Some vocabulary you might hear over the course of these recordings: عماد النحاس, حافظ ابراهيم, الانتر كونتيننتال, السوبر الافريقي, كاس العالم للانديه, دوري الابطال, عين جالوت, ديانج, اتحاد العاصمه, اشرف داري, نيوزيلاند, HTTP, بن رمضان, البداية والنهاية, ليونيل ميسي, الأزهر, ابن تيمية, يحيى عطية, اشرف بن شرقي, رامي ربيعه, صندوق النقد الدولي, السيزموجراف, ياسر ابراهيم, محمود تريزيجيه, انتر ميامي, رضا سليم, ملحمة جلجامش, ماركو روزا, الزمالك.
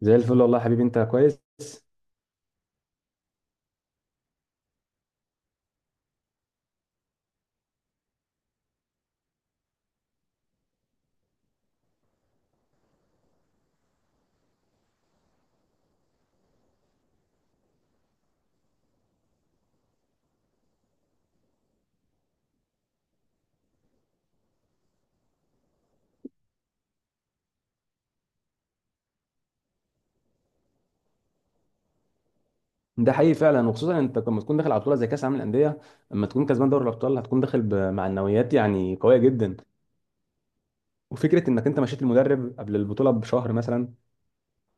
زي الفل والله يا حبيبي، انت كويس. ده حقيقي فعلا، وخصوصا انت لما تكون داخل على بطوله زي كاس العالم للانديه، لما تكون كسبان دوري الابطال هتكون داخل بمعنويات يعني قويه جدا. وفكره انك انت مشيت المدرب قبل البطوله بشهر مثلا،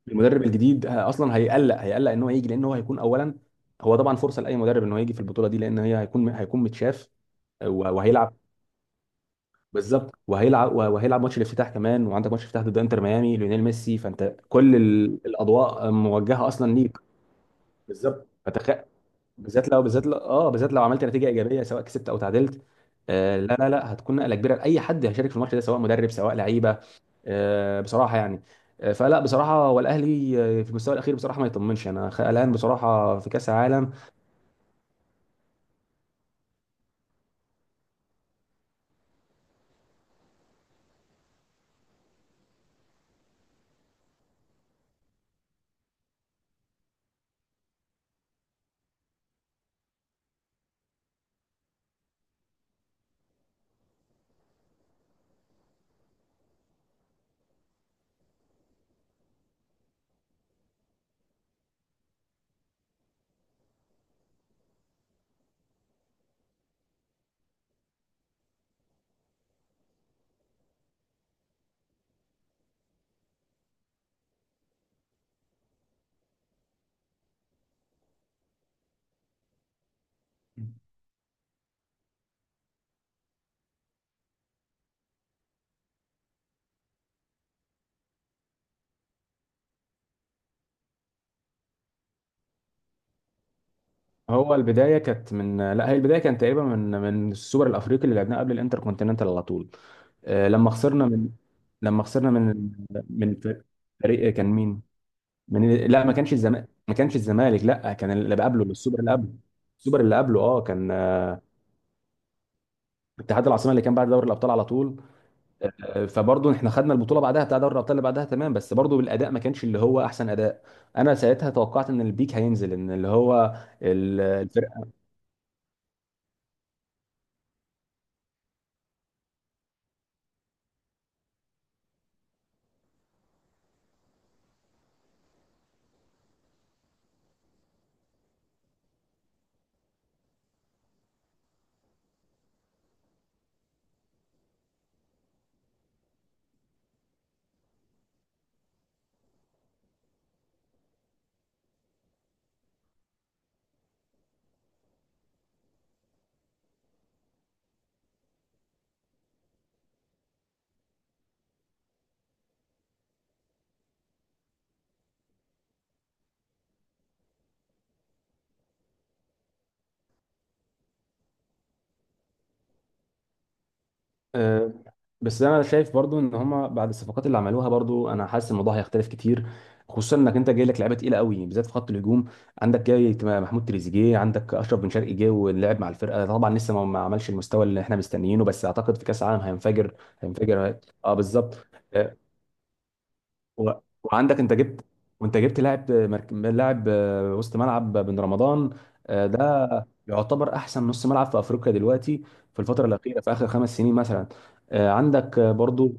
المدرب الجديد اصلا هيقلق ان هو يجي، لان هو هيكون اولا، هو طبعا فرصه لاي مدرب ان هو يجي في البطوله دي، لان هي هيكون متشاف. آه، و- وهيلعب. بالظبط، وهيلعب ماتش الافتتاح كمان، وعندك ماتش افتتاح ضد انتر ميامي، ليونيل ميسي، فانت كل ال- الاضواء موجهه اصلا ليك. بالظبط، بالذات لو عملت نتيجه ايجابيه، سواء كسبت او تعادلت. آه، لا لا لا، هتكون نقله كبيره لاي حد هيشارك في الماتش ده، سواء مدرب سواء لعيبه. آه بصراحه، يعني آه، فلا بصراحه هو الاهلي في المستوى الاخير بصراحه ما يطمنش، انا قلقان بصراحه في كاس العالم. هو البدايه كانت من لا هي البدايه كانت تقريبا من السوبر الافريقي اللي لعبناه قبل الانتر كونتيننتال على طول. آه، لما خسرنا من فريق، كان مين؟ لا، ما كانش الزمالك، لا، كان اللي قبله، السوبر اللي قبله. السوبر اللي قبله، كان اتحاد العاصمه، اللي كان بعد دوري الابطال على طول. آه، فبرضه احنا خدنا البطوله بعدها، بتاع دوري الابطال اللي بعدها، تمام، بس برضه الاداء ما كانش اللي هو احسن اداء. انا ساعتها توقعت ان البيك هينزل، ان اللي هو ال- الفرقه. أه، بس انا شايف برضو ان هما بعد الصفقات اللي عملوها، برضو انا حاسس الموضوع هيختلف كتير، خصوصا انك انت جاي لك لعيبه تقيله قوي بالذات في خط الهجوم. عندك جاي محمود تريزيجيه، عندك اشرف بن شرقي جه ولعب مع الفرقه، طبعا لسه ما عملش المستوى اللي احنا مستنيينه، بس اعتقد في كاس العالم هينفجر. هينفجر، اه بالظبط. آه، و... وعندك انت جبت، وانت جبت لاعب وسط ملعب، بن رمضان. آه، ده يعتبر احسن نص ملعب في افريقيا دلوقتي، في الفتره الاخيره، في اخر خمس سنين مثلا. عندك برضو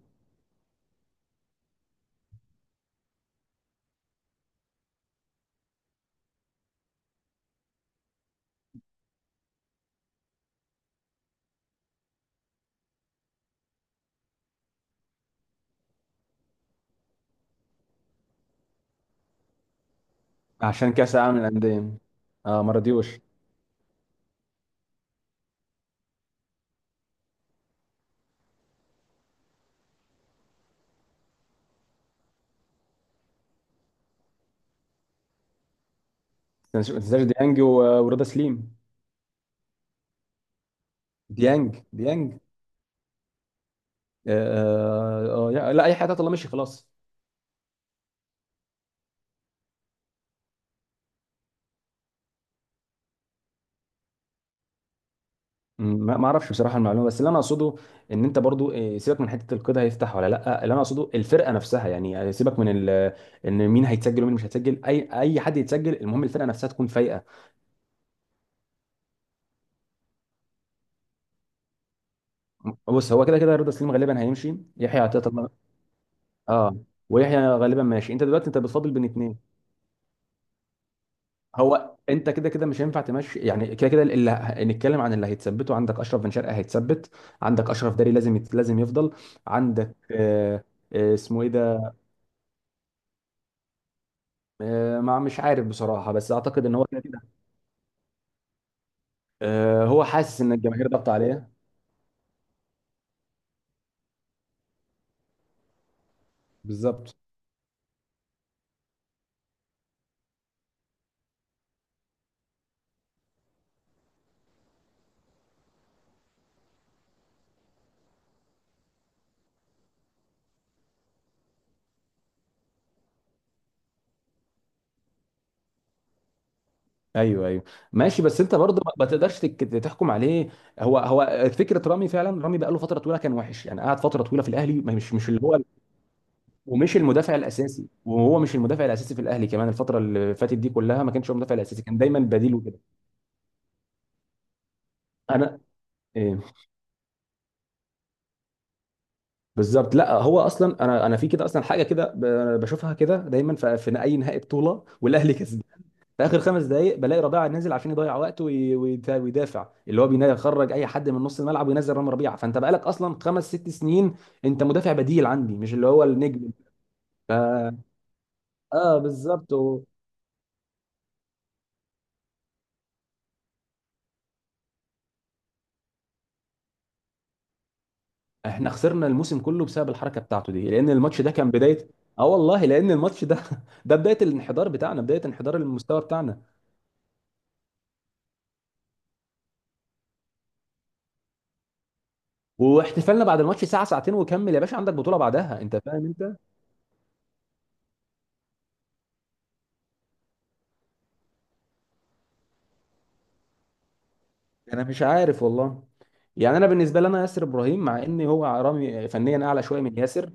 عشان كاس العالم للانديه. اه، ماراديوش. ما تنساش ديانج و- ورضا سليم. ديانج. آه آه. آه، لا اي حاجه، الله مشي خلاص. ما اعرفش بصراحه المعلومه، بس اللي انا اقصده ان انت برضو سيبك من حته القيد هيفتح ولا لا، اللي انا اقصده الفرقه نفسها. يعني سيبك من ان مين هيتسجل ومين مش هيتسجل، اي حد يتسجل، المهم الفرقه نفسها تكون فايقه. بص، هو كده كده رضا سليم غالبا هيمشي، يحيى عطية الله. اه، ويحيى غالبا ماشي، انت دلوقتي انت بتفاضل بين اتنين. هو انت كده كده مش هينفع تمشي يعني، كده كده اللي نتكلم عن اللي هيتثبتوا. عندك اشرف بن شرقه هيتثبت، عندك اشرف داري لازم لازم يفضل. عندك آه، اسمه ايه ده؟ آه، ما مش عارف بصراحة، بس أعتقد إن هو كده كده. آه، هو حاسس إن الجماهير ضغط عليه. بالظبط، أيوه أيوه. ماشي، بس أنت برضه ما تقدرش تحكم عليه. هو فكرة رامي فعلا، رامي بقى له فترة طويلة كان وحش، يعني قعد فترة طويلة في الأهلي، مش اللي هو، ومش المدافع الأساسي، وهو مش المدافع الأساسي في الأهلي كمان. الفترة اللي فاتت دي كلها ما كانش هو المدافع الأساسي، كان دايما بديل وكده. أنا إيه؟ بالظبط. لا، هو أصلا أنا في كده أصلا، حاجة كده بشوفها كده دايما في أي نهائي بطولة والأهلي كسبان. في اخر خمس دقائق بلاقي ربيعه نازل عشان يضيع وقته، وي- ويت- ويدافع، اللي هو يخرج اي حد من نص الملعب، وينزل رامي ربيعه. فانت بقالك اصلا خمس ست سنين انت مدافع بديل عندي، مش اللي هو النجم. ف... اه بالظبط. احنا خسرنا الموسم كله بسبب الحركه بتاعته دي، لان الماتش ده كان بدايه. اه والله، لان الماتش ده ده بدايه الانحدار بتاعنا، بدايه انحدار المستوى بتاعنا. واحتفالنا بعد الماتش ساعه ساعتين وكمل يا باشا، عندك بطوله بعدها، انت فاهم انت. انا مش عارف والله. يعني انا بالنسبه لي، انا ياسر ابراهيم، مع ان هو رامي فنيا اعلى شويه من ياسر.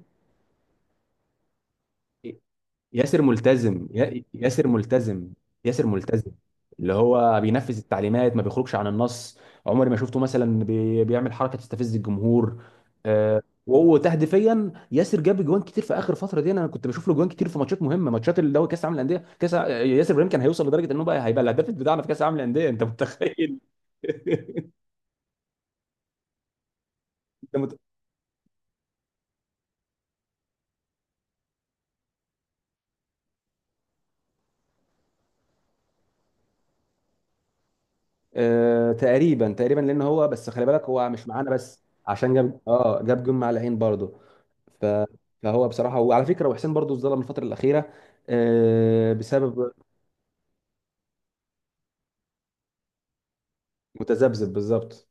ياسر ملتزم يا- ياسر ملتزم ياسر ملتزم اللي هو بينفذ التعليمات، ما بيخرجش عن النص، عمري ما شفته مثلا بيعمل حركه تستفز الجمهور. وهو تهديفيا ياسر جاب جوان كتير في اخر فتره دي، انا كنت بشوف له جوان كتير في ماتشات مهمه، ماتشات اللي هو كاس العالم للانديه، ياسر ابراهيم كان هيوصل لدرجه انه بقى هيبقى الهداف بتاعنا في كاس العالم للانديه، انت متخيل؟ انت تقريبا تقريبا، لان هو بس خلي بالك، هو مش معانا بس عشان جاب جون مع العين برضه. ف... فهو بصراحه، وعلى فكره وحسين برضه اتظلم الفتره الاخيره آه بسبب متذبذب بالظبط.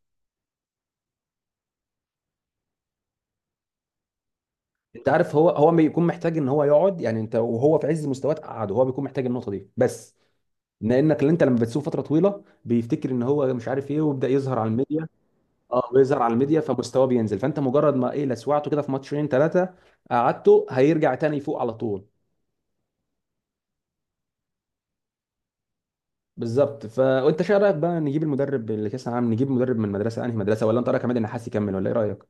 انت عارف، هو بيكون محتاج ان هو يقعد، يعني انت وهو في عز مستواه تقعده، هو بيكون محتاج النقطه دي بس، لانك اللي انت لما بتسوق فتره طويله بيفتكر ان هو مش عارف ايه ويبدا يظهر على الميديا. اه، بيظهر على الميديا فمستواه بينزل، فانت مجرد ما ايه لسوعته كده في ماتشين ثلاثه قعدته هيرجع تاني يفوق على طول. بالظبط. وانت شايف رايك بقى، نجيب المدرب اللي كاس العالم نجيب مدرب من مدرسه، انهي مدرسه؟ ولا انت رايك عماد النحاس يكمل؟ ولا ايه رايك؟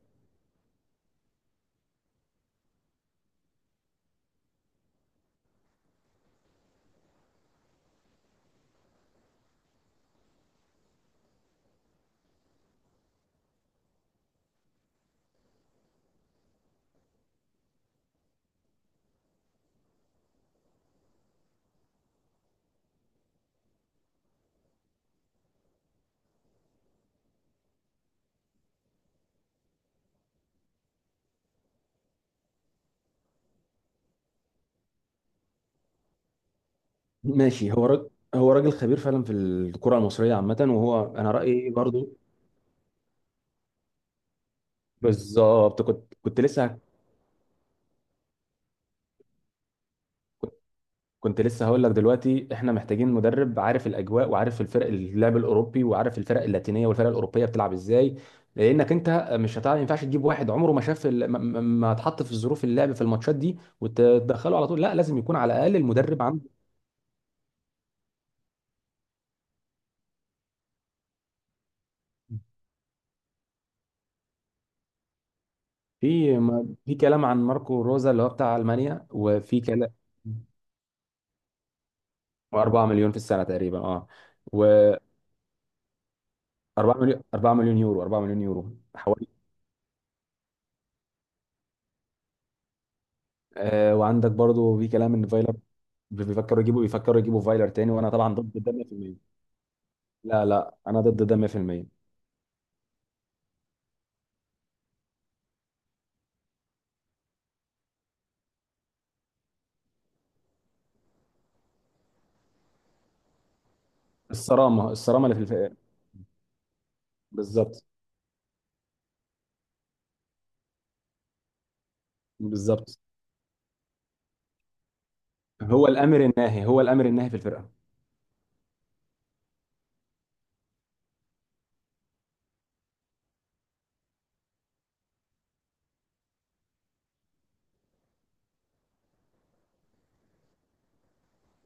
ماشي. هو راجل خبير فعلا في الكرة المصرية عامة، وهو أنا رأيي برضو بالظبط. كنت لسه كنت لسه هقول لك دلوقتي احنا محتاجين مدرب عارف الاجواء، وعارف الفرق، اللعب الاوروبي، وعارف الفرق اللاتينيه والفرق الاوروبيه بتلعب ازاي، لانك انت مش هتعرف، ما ينفعش تجيب واحد عمره ما شاف ما اتحط في ظروف اللعب في الماتشات دي وتدخله على طول، لا لازم يكون على الاقل المدرب عنده. في ما- في كلام عن ماركو روزا اللي هو بتاع المانيا، وفي كلام 4 مليون في السنه تقريبا. اه و 4 مليون، 4 مليون يورو، 4 مليون يورو حوالي. وعندك برضو في كلام ان فايلر، بيفكروا يجيبوا فايلر تاني، وانا طبعا ضد ده 100%. لا لا، انا ضد ده 100%. الصرامه، الصرامه اللي في الفرقه. بالظبط. بالظبط، هو الامر الناهي، هو الامر الناهي في الفرقه.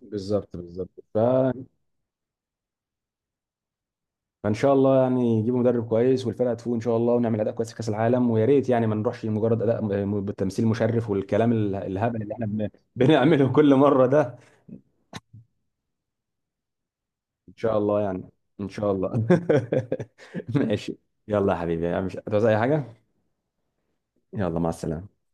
بالظبط. بالظبط، فان شاء الله يعني يجيبوا مدرب كويس، والفرقه تفوق ان شاء الله، ونعمل اداء كويس في كاس العالم، ويا ريت يعني ما نروحش مجرد اداء بالتمثيل مشرف، والكلام الهبل اللي احنا بنعمله كل مره ده. ان شاء الله يعني. ان شاء الله ماشي. يلا يا حبيبي، مش هتعوز اي حاجه؟ يلا، مع السلامه.